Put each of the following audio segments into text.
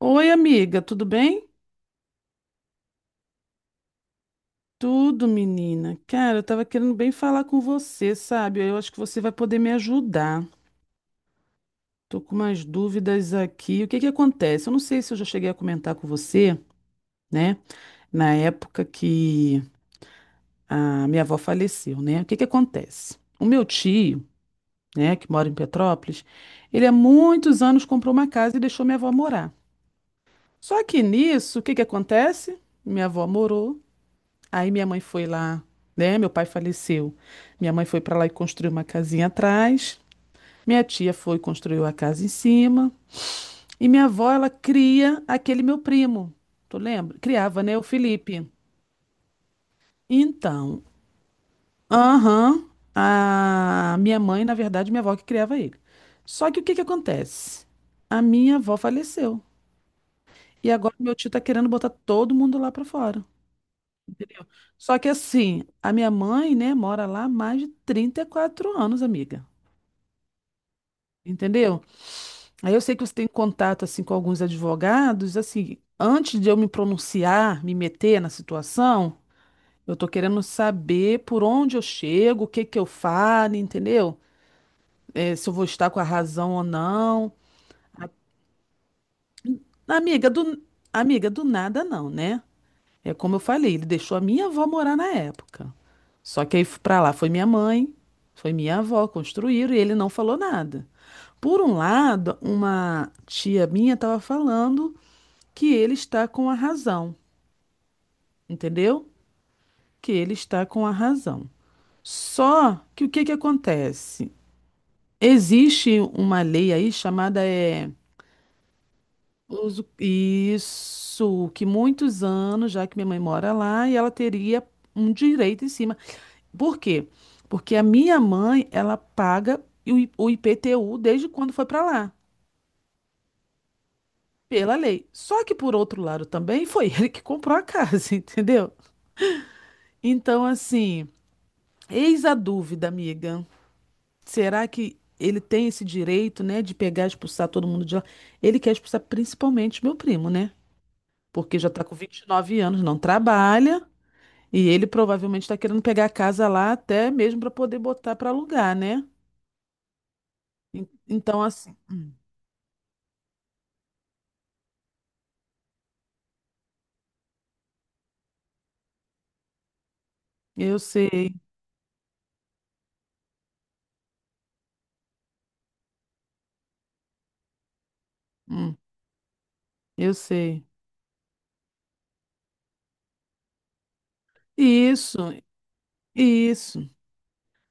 Oi, amiga, tudo bem? Tudo, menina. Cara, eu tava querendo bem falar com você, sabe? Eu acho que você vai poder me ajudar. Tô com umas dúvidas aqui. O que que acontece? Eu não sei se eu já cheguei a comentar com você, né? Na época que a minha avó faleceu, né? O que que acontece? O meu tio, né, que mora em Petrópolis, ele há muitos anos comprou uma casa e deixou minha avó morar. Só que nisso, o que que acontece? Minha avó morou. Aí minha mãe foi lá, né? Meu pai faleceu. Minha mãe foi para lá e construiu uma casinha atrás. Minha tia foi e construiu a casa em cima. E minha avó, ela cria aquele meu primo. Tu lembra? Criava, né? O Felipe. Então, aham, a minha mãe, na verdade, minha avó que criava ele. Só que o que que acontece? A minha avó faleceu. E agora meu tio tá querendo botar todo mundo lá para fora. Entendeu? Só que assim, a minha mãe, né, mora lá há mais de 34 anos, amiga. Entendeu? Aí eu sei que você tem contato assim com alguns advogados, assim, antes de eu me pronunciar, me meter na situação, eu tô querendo saber por onde eu chego, o que que eu falo, entendeu? É, se eu vou estar com a razão ou não. A- Amiga do amiga do nada não, né? É como eu falei, ele deixou a minha avó morar na época. Só que aí pra lá foi minha mãe, foi minha avó, construíram e ele não falou nada. Por um lado, uma tia minha estava falando que ele está com a razão, entendeu? Que ele está com a razão. Só que o que que acontece? Existe uma lei aí chamada isso que muitos anos já que minha mãe mora lá e ela teria um direito em cima. Por quê? Porque a minha mãe, ela paga o IPTU desde quando foi para lá, pela lei. Só que, por outro lado, também foi ele que comprou a casa, entendeu? Então, assim, eis a dúvida, amiga. Será que ele tem esse direito, né, de pegar e expulsar todo mundo de lá? Ele quer expulsar principalmente meu primo, né? Porque já tá com 29 anos, não trabalha, e ele provavelmente tá querendo pegar a casa lá até mesmo para poder botar para alugar, né? Então, assim, eu sei. Hum, eu sei. Isso, isso.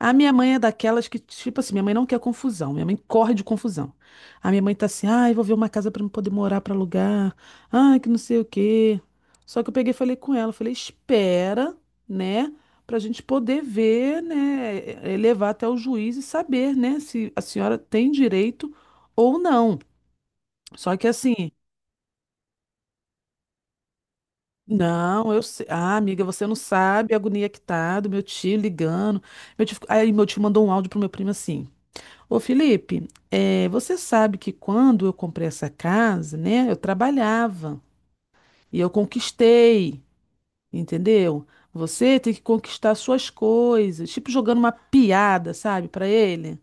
A minha mãe é daquelas que, tipo assim, minha mãe não quer confusão, minha mãe corre de confusão. A minha mãe tá assim, ai, vou ver uma casa pra eu poder morar pra alugar, ai, que não sei o quê. Só que eu peguei e falei com ela, falei, espera, né, pra gente poder ver, né, levar até o juiz e saber, né, se a senhora tem direito ou não. Só que assim, não, eu sei. Ah, amiga, você não sabe a agonia que tá do meu tio ligando. Aí meu tio mandou um áudio pro meu primo assim. Ô Felipe, você sabe que quando eu comprei essa casa, né? Eu trabalhava e eu conquistei, entendeu? Você tem que conquistar suas coisas. Tipo jogando uma piada, sabe, pra ele.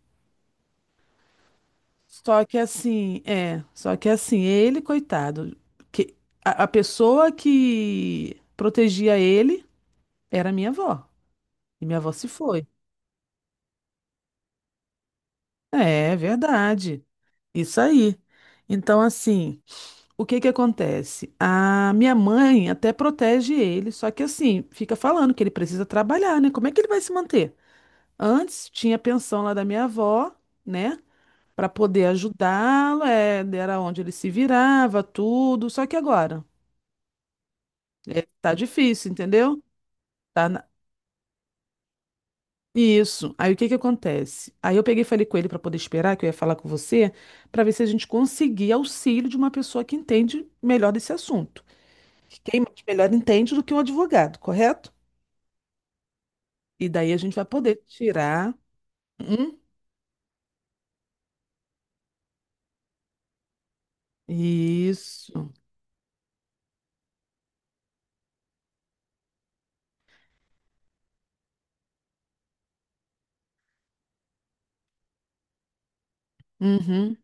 Só que assim, é. Só que assim, ele, coitado, que a pessoa que protegia ele era minha avó. E minha avó se foi. É, é verdade. Isso aí. Então, assim, o que que acontece? A minha mãe até protege ele, só que assim, fica falando que ele precisa trabalhar, né? Como é que ele vai se manter? Antes tinha a pensão lá da minha avó, né? Para poder ajudá-lo, era onde ele se virava, tudo. Só que agora, tá difícil, entendeu? Tá. Isso. Aí o que que acontece? Aí eu peguei e falei com ele para poder esperar, que eu ia falar com você, para ver se a gente conseguia auxílio de uma pessoa que entende melhor desse assunto. Quem mais melhor entende do que um advogado, correto? E daí a gente vai poder tirar. Hum? Isso. Uhum.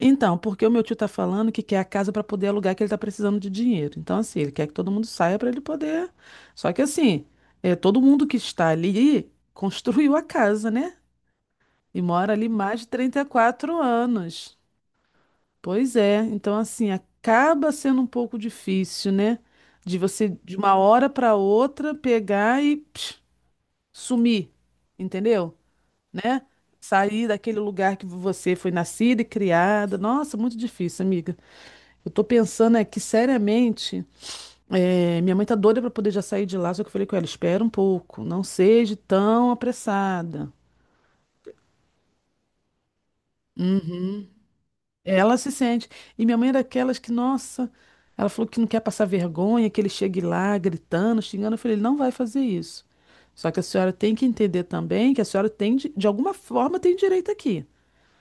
Então, porque o meu tio tá falando que quer a casa para poder alugar, que ele tá precisando de dinheiro. Então, assim, ele quer que todo mundo saia para ele poder. Só que assim, todo mundo que está ali construiu a casa, né? E mora ali mais de 34 anos. Pois é, então assim, acaba sendo um pouco difícil, né? De você, de uma hora para outra, pegar e psh, sumir, entendeu? Né? Sair daquele lugar que você foi nascida e criada. Nossa, muito difícil, amiga. Eu tô pensando é que, seriamente, minha mãe tá doida para poder já sair de lá, só que eu falei com ela, espera um pouco, não seja tão apressada. Uhum. Ela se sente. E minha mãe era daquelas que, nossa, ela falou que não quer passar vergonha, que ele chegue lá gritando, xingando. Eu falei, ele não vai fazer isso. Só que a senhora tem que entender também que a senhora tem, de alguma forma, tem direito aqui.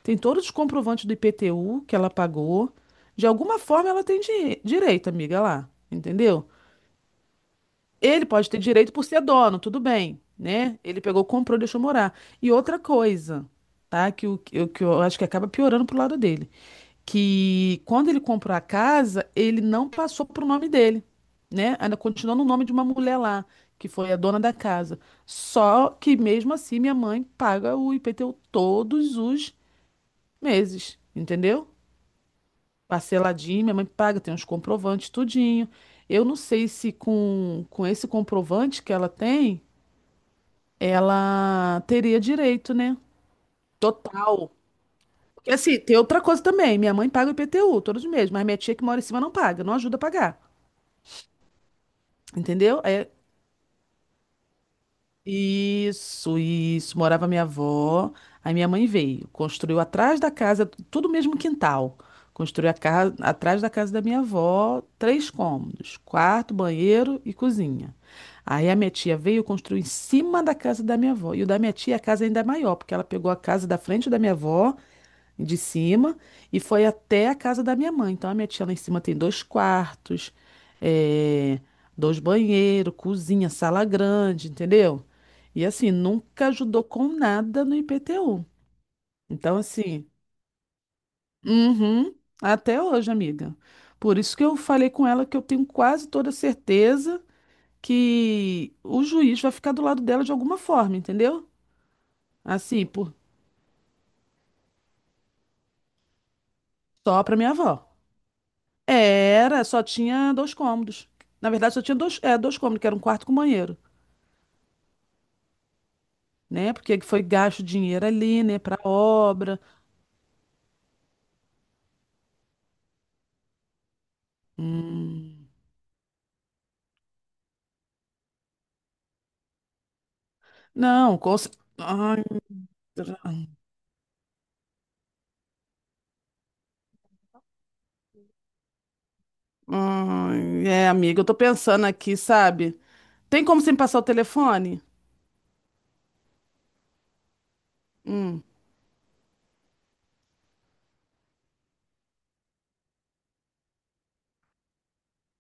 Tem todos os comprovantes do IPTU que ela pagou. De alguma forma, ela tem direito, amiga, lá. Entendeu? Ele pode ter direito por ser dono, tudo bem, né? Ele pegou, comprou, deixou morar. E outra coisa, tá? Que eu acho que acaba piorando pro lado dele que quando ele comprou a casa, ele não passou pro nome dele, né? Ainda continuou no nome de uma mulher lá, que foi a dona da casa. Só que mesmo assim, minha mãe paga o IPTU todos os meses, entendeu? Parceladinho, minha mãe paga, tem uns comprovantes, tudinho. Eu não sei se com esse comprovante que ela tem, ela teria direito, né? Total. Porque assim, tem outra coisa também. Minha mãe paga o IPTU todos os meses, mas minha tia que mora em cima não paga, não ajuda a pagar. Entendeu? É isso, isso. Morava minha avó. Aí minha mãe veio, construiu atrás da casa, tudo o mesmo quintal. Construiu a casa atrás da casa da minha avó, três cômodos, quarto, banheiro e cozinha. Aí a minha tia veio e construiu em cima da casa da minha avó. E o da minha tia, a casa ainda é maior, porque ela pegou a casa da frente da minha avó de cima e foi até a casa da minha mãe. Então a minha tia lá em cima tem dois quartos, eh, dois banheiros, cozinha, sala grande, entendeu? E assim, nunca ajudou com nada no IPTU. Então, assim, uhum, até hoje, amiga. Por isso que eu falei com ela que eu tenho quase toda certeza que o juiz vai ficar do lado dela de alguma forma, entendeu? Assim, só pra minha avó. Era, só tinha dois cômodos. Na verdade, só tinha dois cômodos, que era um quarto com banheiro, né? Porque foi gasto dinheiro ali, né, pra obra. Hum. Não, Ai, será? Ai, é, amiga, eu tô pensando aqui, sabe? Tem como você me passar o telefone? Hum.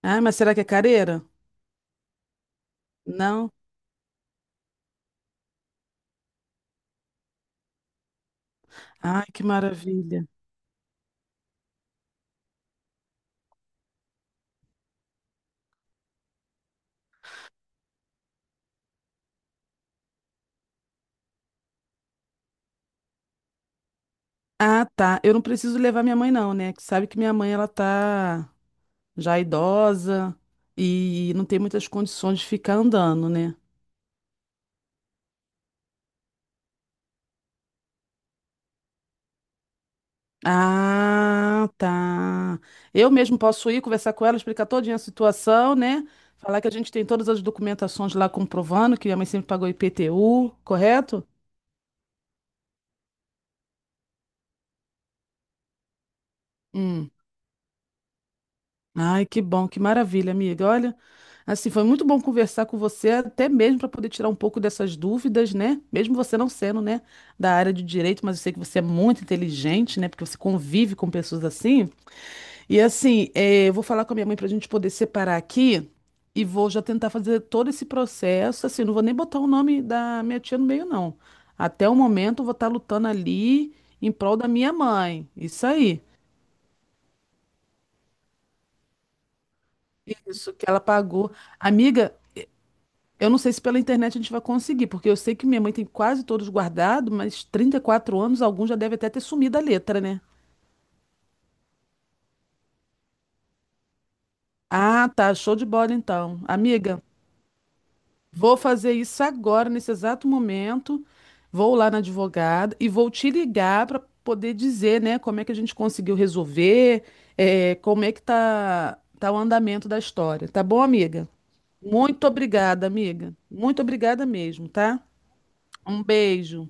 Ai, mas será que é careira? Não? Ai, que maravilha. Ah, tá. Eu não preciso levar minha mãe, não, né? Que sabe que minha mãe, ela tá já idosa e não tem muitas condições de ficar andando, né? Ah, tá. Eu mesmo posso ir conversar com ela, explicar todinha a situação, né? Falar que a gente tem todas as documentações lá comprovando que a mãe sempre pagou IPTU, correto? Hum. Ai, que bom, que maravilha, amiga. Olha, assim, foi muito bom conversar com você, até mesmo para poder tirar um pouco dessas dúvidas, né? Mesmo você não sendo, né, da área de direito, mas eu sei que você é muito inteligente, né? Porque você convive com pessoas assim. E assim, eu vou falar com a minha mãe para a gente poder separar aqui e vou já tentar fazer todo esse processo. Assim, não vou nem botar o nome da minha tia no meio, não. Até o momento, eu vou estar lutando ali em prol da minha mãe. Isso aí. Isso que ela pagou. Amiga, eu não sei se pela internet a gente vai conseguir, porque eu sei que minha mãe tem quase todos guardados, mas 34 anos, alguns já deve até ter sumido a letra, né? Ah, tá. Show de bola então. Amiga, vou fazer isso agora, nesse exato momento. Vou lá na advogada e vou te ligar para poder dizer, né, como é que a gente conseguiu resolver, como é que tá, o andamento da história. Tá bom, amiga? Muito obrigada, amiga. Muito obrigada mesmo, tá? Um beijo.